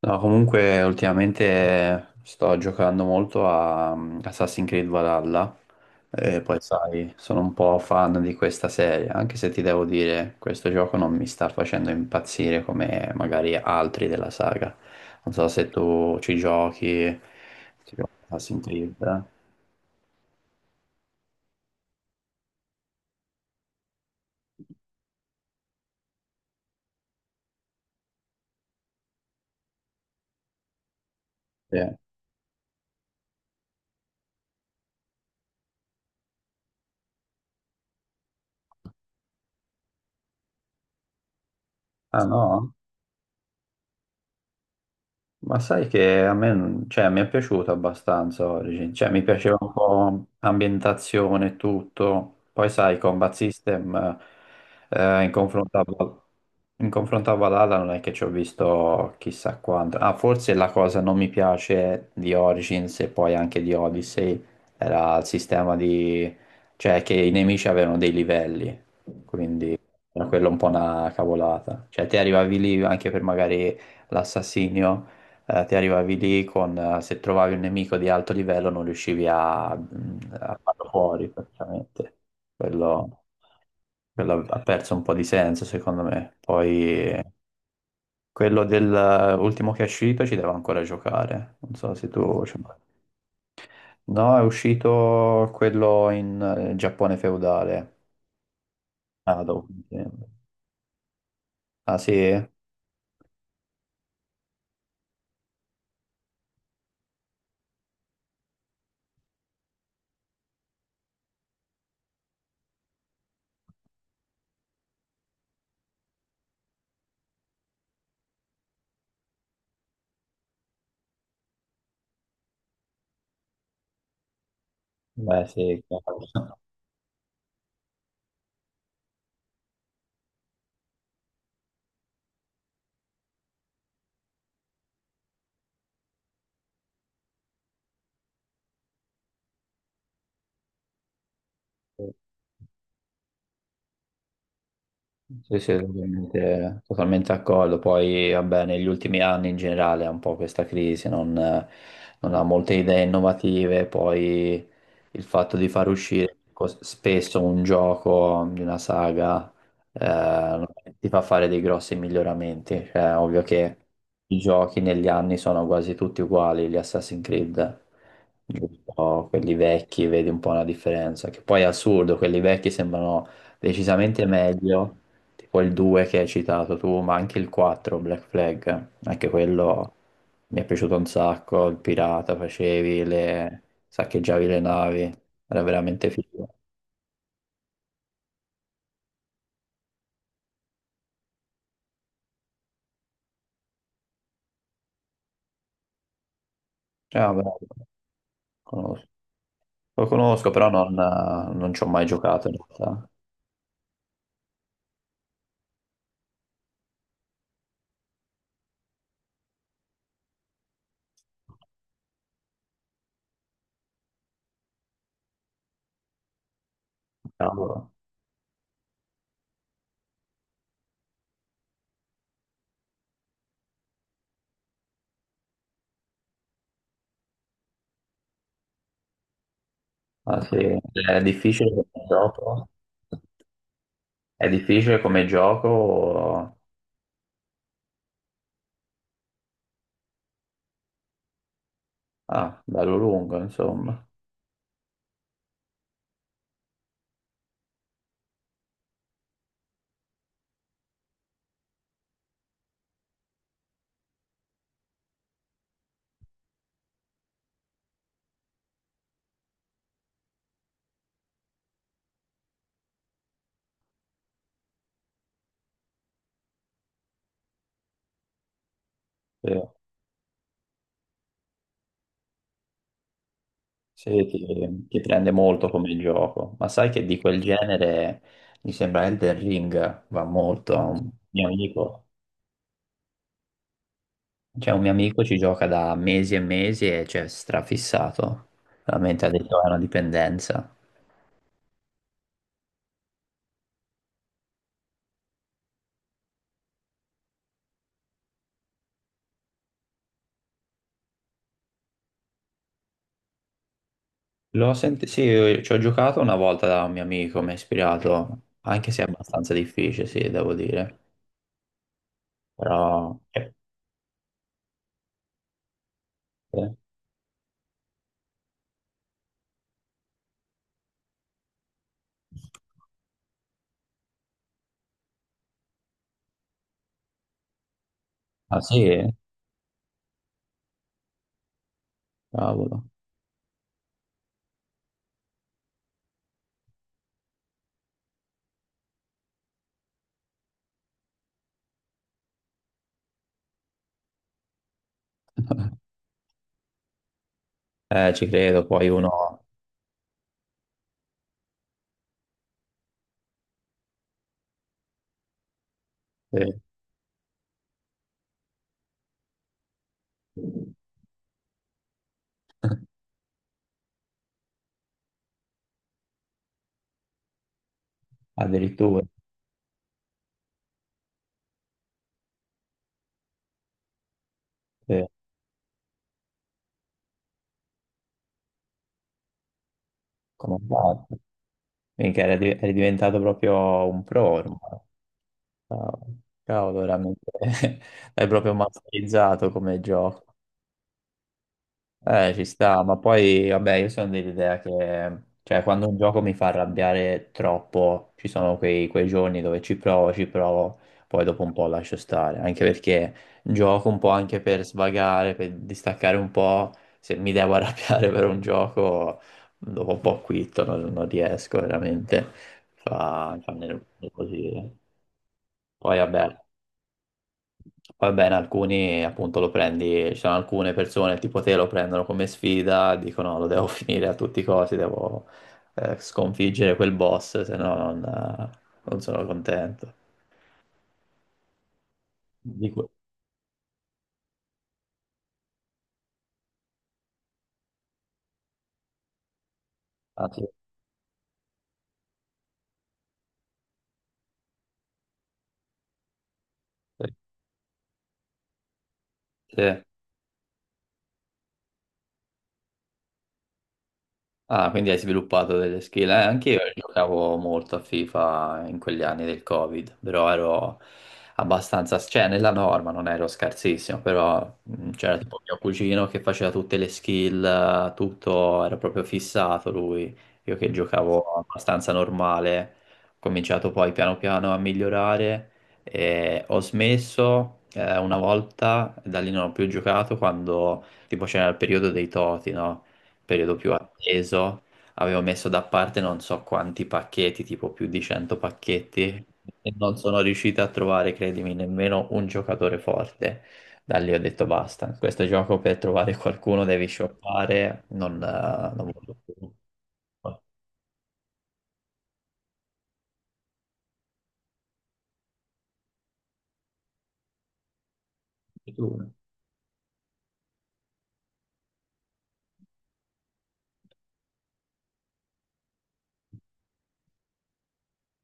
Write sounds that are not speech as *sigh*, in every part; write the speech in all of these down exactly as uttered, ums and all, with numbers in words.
No, comunque ultimamente sto giocando molto a um, Assassin's Creed Valhalla e poi sai, sono un po' fan di questa serie, anche se ti devo dire, questo gioco non mi sta facendo impazzire come magari altri della saga. Non so se tu ci giochi, ti giochi Assassin's Creed, eh? Sì. Ah no? Ma sai che a me, non- cioè, mi è piaciuto abbastanza Origin, cioè mi piaceva un po' l'ambientazione e tutto, poi sai, Combat System eh, in confronto a, Val- in confronto a Valhalla non è che ci ho visto chissà quanto, ah forse la cosa non mi piace di Origins e poi anche di Odyssey era il sistema di, cioè che i nemici avevano dei livelli, quindi era quello un po' una cavolata, cioè te arrivavi lì anche per magari l'assassinio. Eh, ti arrivavi lì con, eh, se trovavi un nemico di alto livello non riuscivi a, mh, a farlo fuori praticamente. Quello. Quello ha perso un po' di senso secondo me. Poi eh, quello dell'ultimo che è uscito ci devo ancora giocare. Non so se tu, cioè, no, è uscito quello in eh, Giappone feudale. Ah, dopo, mi sembra. Ah sì? Beh sì. Chiaro. *laughs* Sì, sì, totalmente, totalmente d'accordo. Poi, vabbè, negli ultimi anni in generale è un po' questa crisi, non, non ha molte idee innovative. Poi il fatto di far uscire cos- spesso un gioco di una saga eh, ti fa fare dei grossi miglioramenti. Cioè, ovvio che i giochi negli anni sono quasi tutti uguali, gli Assassin's Creed, giusto? Quelli vecchi, vedi un po' la differenza, che poi è assurdo, quelli vecchi sembrano decisamente meglio tipo il due che hai citato tu, ma anche il quattro, Black Flag, anche quello mi è piaciuto un sacco, il pirata facevi, le... saccheggiavi le navi, era veramente figo. Cioè, vabbè, lo conosco, Lo conosco, però non, non ci ho mai giocato in realtà. Cavolo. Ah, sì. È difficile come gioco? È difficile come gioco? Ah, bello lungo, insomma. Sì. Sì, ti, ti prende molto come gioco, ma sai che di quel genere mi sembra Elden Ring va molto. Un mio amico, cioè un mio amico ci gioca da mesi e mesi e c'è strafissato. Veramente ha detto "Ah, è una dipendenza." L'ho sent- sì, io ci ho giocato una volta da un mio amico, mi ha ispirato, anche se è abbastanza difficile, sì, devo dire. Però... eh, Ah sì? Cavolo. Eh, ci credo, poi uno. Sì. *laughs* Addirittura. Sì. Come hai fatto? Mica eri, div- eri diventato proprio un pro ormai. Ciao. Cavolo, veramente. *laughs* L'hai proprio masterizzato come gioco. Eh, ci sta, ma poi, vabbè, io sono dell'idea che, cioè, quando un gioco mi fa arrabbiare troppo, ci sono quei, quei giorni dove ci provo, ci provo, poi dopo un po' lascio stare, anche perché gioco un po' anche per svagare, per distaccare un po', se mi devo arrabbiare *laughs* per un gioco, dopo un po' quitto, non, non riesco veramente, fa, fa nervoso così. Poi, vabbè. Va bene, alcuni appunto lo prendi, ci sono alcune persone tipo te lo prendono come sfida, dicono lo devo *laughs* finire a tutti i costi, devo eh, sconfiggere quel boss, se no non, eh, non sono contento. Di que- ah, sì. Sì. Ah, quindi hai sviluppato delle skill. Eh, anche io giocavo molto a FIFA in quegli anni del Covid, però ero abbastanza, cioè nella norma non ero scarsissimo, però mh, c'era tipo mio cugino che faceva tutte le skill, eh, tutto, era proprio fissato lui. Io che giocavo abbastanza normale, ho cominciato poi piano piano a migliorare e ho smesso eh, una volta, da lì non ho più giocato quando tipo c'era il periodo dei Toti, no? Periodo più atteso, avevo messo da parte non so quanti pacchetti, tipo più di cento pacchetti, e non sono riuscito a trovare, credimi, nemmeno un giocatore forte. Da lì ho detto basta, in questo gioco per trovare qualcuno devi shoppare, non, eh, non voglio più. Tu?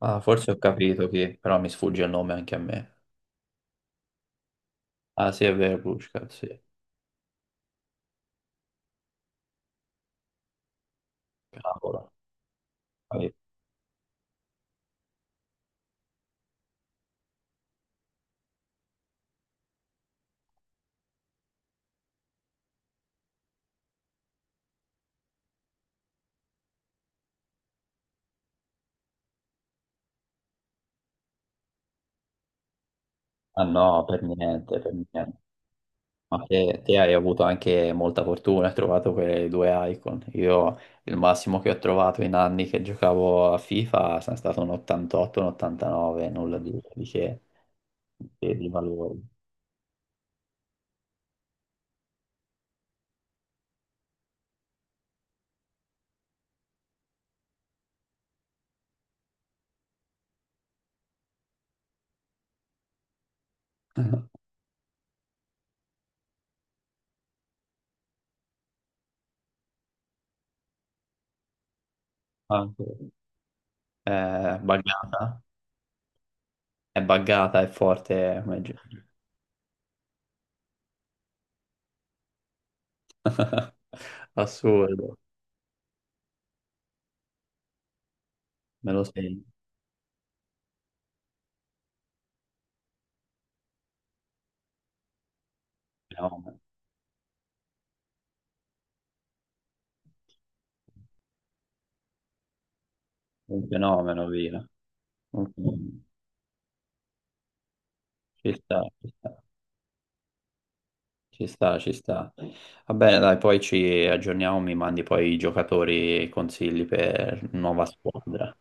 Ah, forse ho capito chi, però mi sfugge il nome anche a me. Ah sì, è vero, Pushka, sì. Cavolo. Ah no, per niente, per niente. Ma te, te hai avuto anche molta fortuna, hai trovato quelle due icon. Io il massimo che ho trovato in anni che giocavo a FIFA sono stato un ottantotto, un ottantanove, nulla di, di che, di, di valore. *laughs* Anche, è buggata, è buggata, è forte come gioco. *laughs* Assurdo, me lo segno. Fenomeno. Un fenomeno, via. Un fenomeno. Ci sta, ci sta. Ci sta, ci sta. Vabbè, dai, poi ci aggiorniamo, mi mandi poi i giocatori e i consigli per nuova squadra.